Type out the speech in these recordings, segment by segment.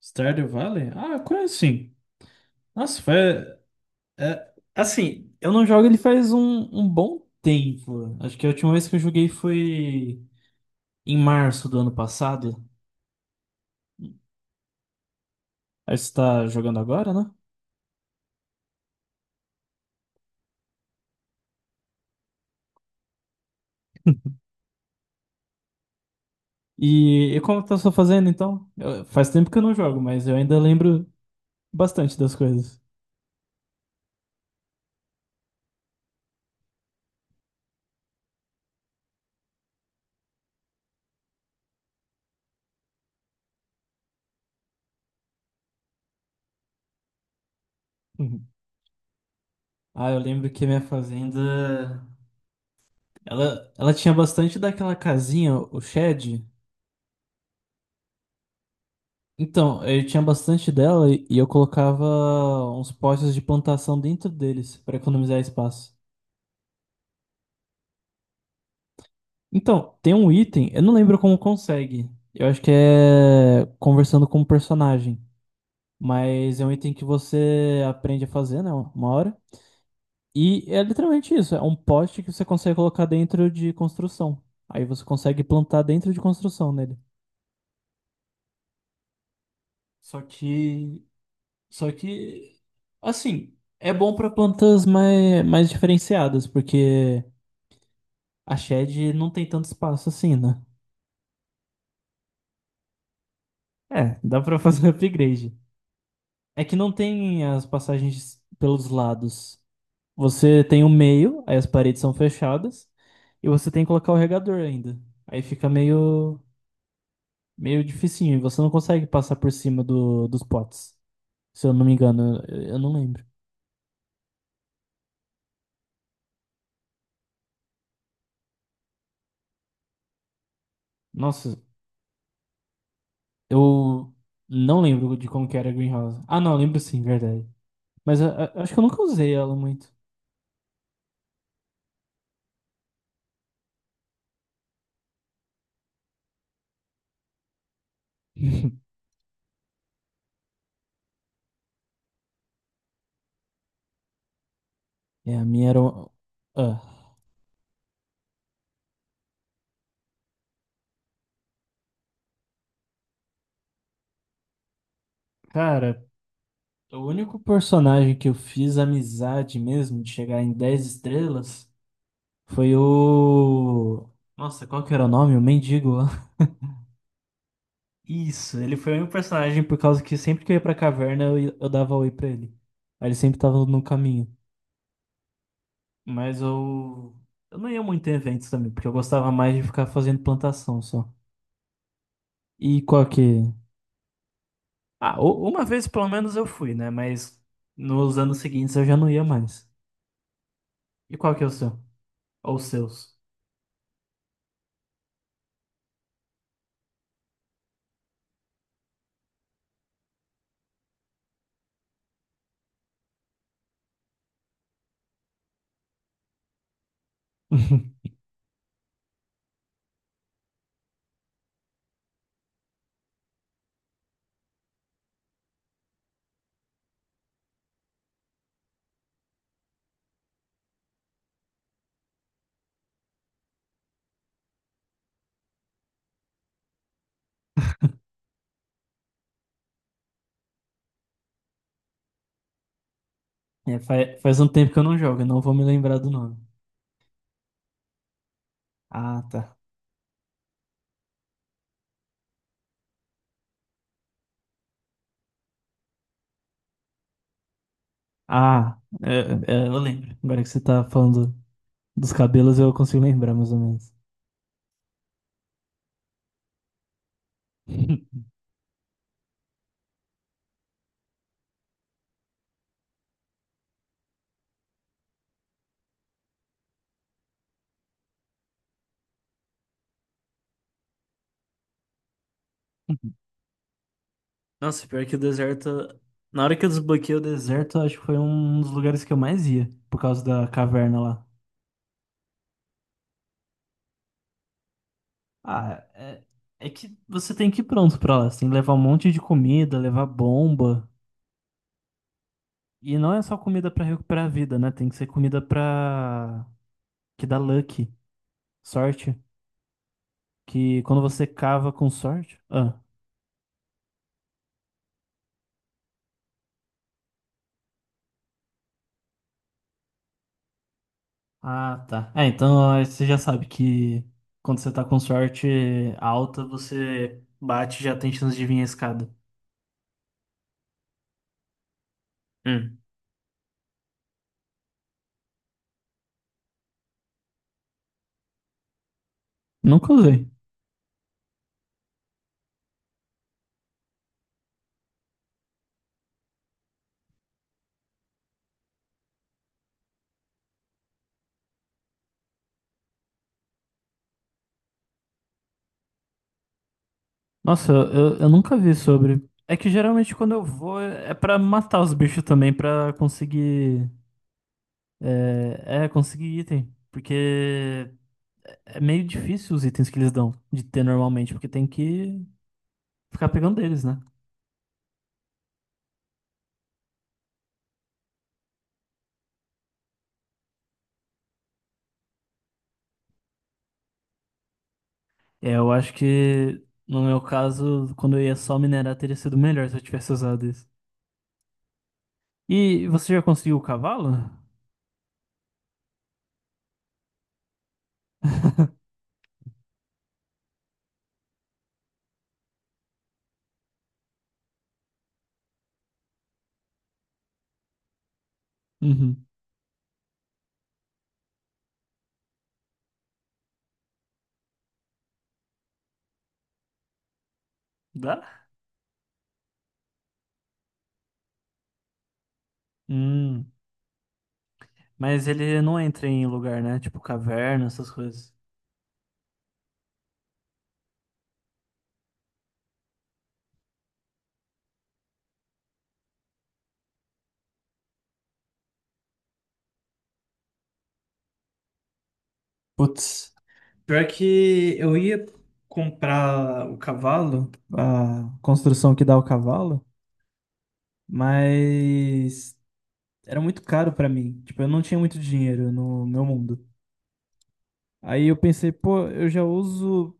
Stardew Valley? Ah, eu conheço sim. Nossa, foi. É, assim, eu não jogo ele faz um bom tempo. Acho que a última vez que eu joguei foi em março do ano passado. Aí você tá jogando agora, né? E como tá só fazendo então? Faz tempo que eu não jogo, mas eu ainda lembro bastante das coisas. Uhum. Ah, eu lembro que a minha fazenda, ela tinha bastante daquela casinha, o shed. Então, eu tinha bastante dela e eu colocava uns postes de plantação dentro deles para economizar espaço. Então, tem um item, eu não lembro como consegue. Eu acho que é conversando com o personagem, mas é um item que você aprende a fazer, né, uma hora. E é literalmente isso, é um poste que você consegue colocar dentro de construção. Aí você consegue plantar dentro de construção nele. Só que, só que, assim, é bom para plantas mais diferenciadas, porque a shed não tem tanto espaço assim, né? É, dá para fazer upgrade. É que não tem as passagens pelos lados. Você tem o meio, aí as paredes são fechadas, e você tem que colocar o regador ainda. Aí fica meio dificinho e você não consegue passar por cima dos potes, se eu não me engano. Eu não lembro. Nossa, eu não lembro de como que era a Greenhouse. Ah, não, lembro sim, verdade. Mas acho que eu nunca usei ela muito. É, a minha era. Ah, cara, o único personagem que eu fiz amizade mesmo, de chegar em 10 estrelas, foi o. Nossa, qual que era o nome? O mendigo. Isso, ele foi o meu personagem por causa que sempre que eu ia pra caverna eu dava oi pra ele. Aí ele sempre tava no caminho. Mas eu não ia muito em eventos também, porque eu gostava mais de ficar fazendo plantação só. E qual que. Ah, uma vez pelo menos eu fui, né? Mas nos anos seguintes eu já não ia mais. E qual que é o seu? Ou os seus? É, faz um tempo que eu não jogo, eu não vou me lembrar do nome. Ah, tá. Ah, é, eu lembro. Agora que você tá falando dos cabelos, eu consigo lembrar mais ou menos. Nossa, pior que o deserto. Na hora que eu desbloqueei o deserto, acho que foi um dos lugares que eu mais ia, por causa da caverna lá. Ah, é, é que você tem que ir pronto pra lá. Você tem que levar um monte de comida, levar bomba. E não é só comida pra recuperar a vida, né? Tem que ser comida pra que dá luck, sorte. Que quando você cava com sorte. Ah, tá. É, então aí você já sabe que quando você tá com sorte alta, você bate e já tem chance de vir a escada. Hum. Nunca usei. Nossa, eu nunca vi sobre. É que geralmente quando eu vou é pra matar os bichos também, pra conseguir. É, conseguir item. Porque é meio difícil os itens que eles dão de ter normalmente, porque tem que ficar pegando deles, né? É, eu acho que no meu caso, quando eu ia só minerar, teria sido melhor se eu tivesse usado isso. E você já conseguiu o cavalo? Uhum. Dá? Hum. Mas ele não entra em lugar, né? Tipo caverna, essas coisas. Putz, pior que eu ia comprar o cavalo, a construção que dá o cavalo, mas era muito caro pra mim. Tipo, eu não tinha muito dinheiro no meu mundo. Aí eu pensei, pô, eu já uso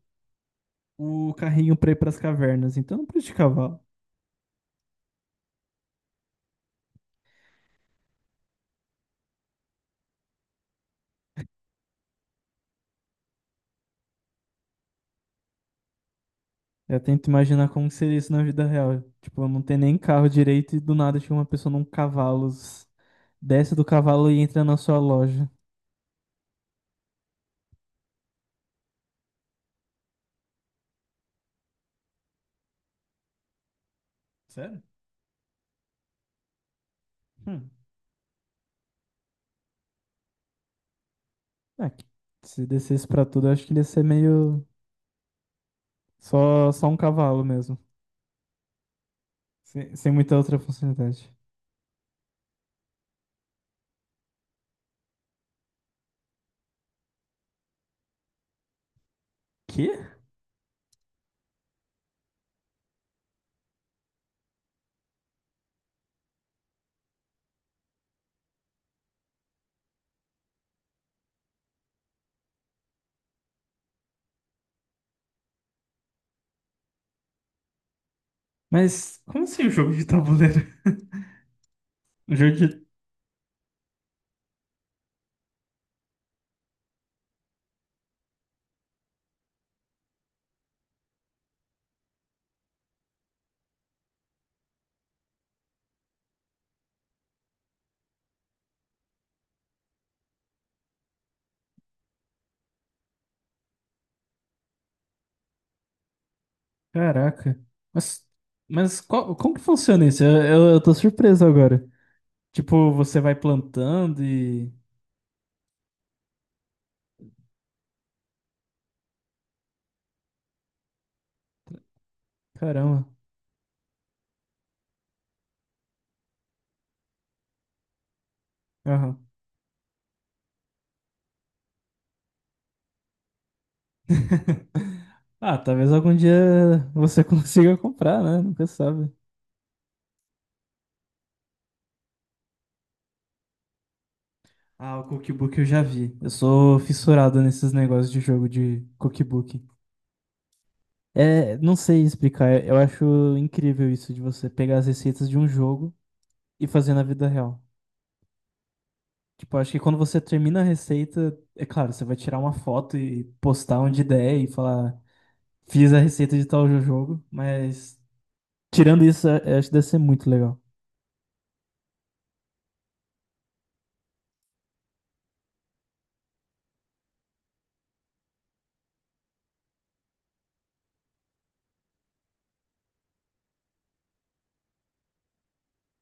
o carrinho pra ir pras cavernas, então eu não preciso de cavalo. Eu tento imaginar como que seria isso na vida real. Tipo, eu não tenho nem carro direito e do nada chega uma pessoa num cavalo, desce do cavalo e entra na sua loja. Sério? Hum. É, que se descesse pra tudo, eu acho que ele ia ser meio só um cavalo mesmo. Sem muita outra funcionalidade. Quê? Mas como assim um jogo de tabuleiro? Um jogo de. Caraca. Mas, mas, como que funciona isso? Eu tô surpreso agora. Tipo, você vai plantando e. Caramba. Aham. Ah, talvez algum dia você consiga comprar, né? Nunca sabe. Ah, o cookbook eu já vi. Eu sou fissurado nesses negócios de jogo de cookbook. É, não sei explicar. Eu acho incrível isso de você pegar as receitas de um jogo e fazer na vida real. Tipo, acho que quando você termina a receita, é claro, você vai tirar uma foto e postar onde der e falar, fiz a receita de tal jogo, mas tirando isso, acho que deve ser muito legal.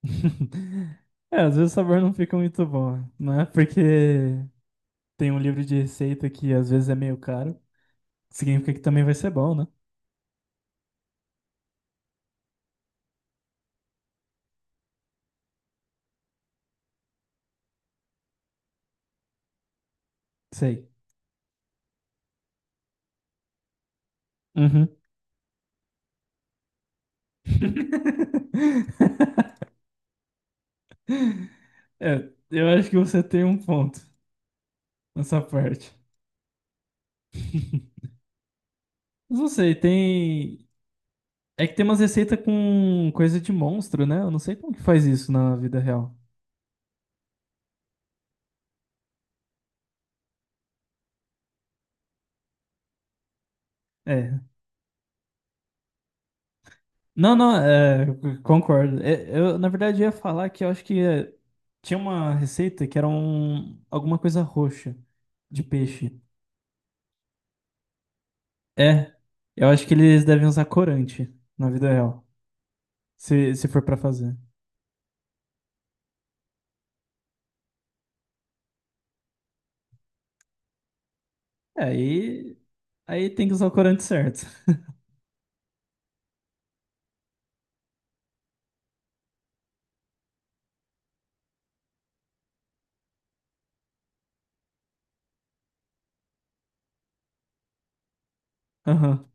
É, às vezes o sabor não fica muito bom, né? Porque tem um livro de receita que às vezes é meio caro, significa que também vai ser bom, né? Sei. Uhum. É, eu acho que você tem um ponto nessa parte. Mas não sei, tem. É que tem umas receitas com coisa de monstro, né? Eu não sei como que faz isso na vida real. É. Não, não, é, concordo. É, eu, na verdade, ia falar que eu acho que é, tinha uma receita que era alguma coisa roxa de peixe. É. Eu acho que eles devem usar corante na vida real, se for pra fazer. É, aí, tem que usar o corante certo. Aham.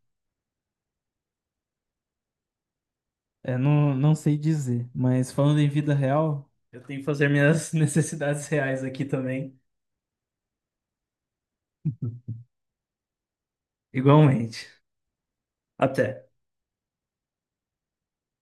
É, não, não sei dizer, mas falando em vida real, eu tenho que fazer minhas necessidades reais aqui também, igualmente. Até.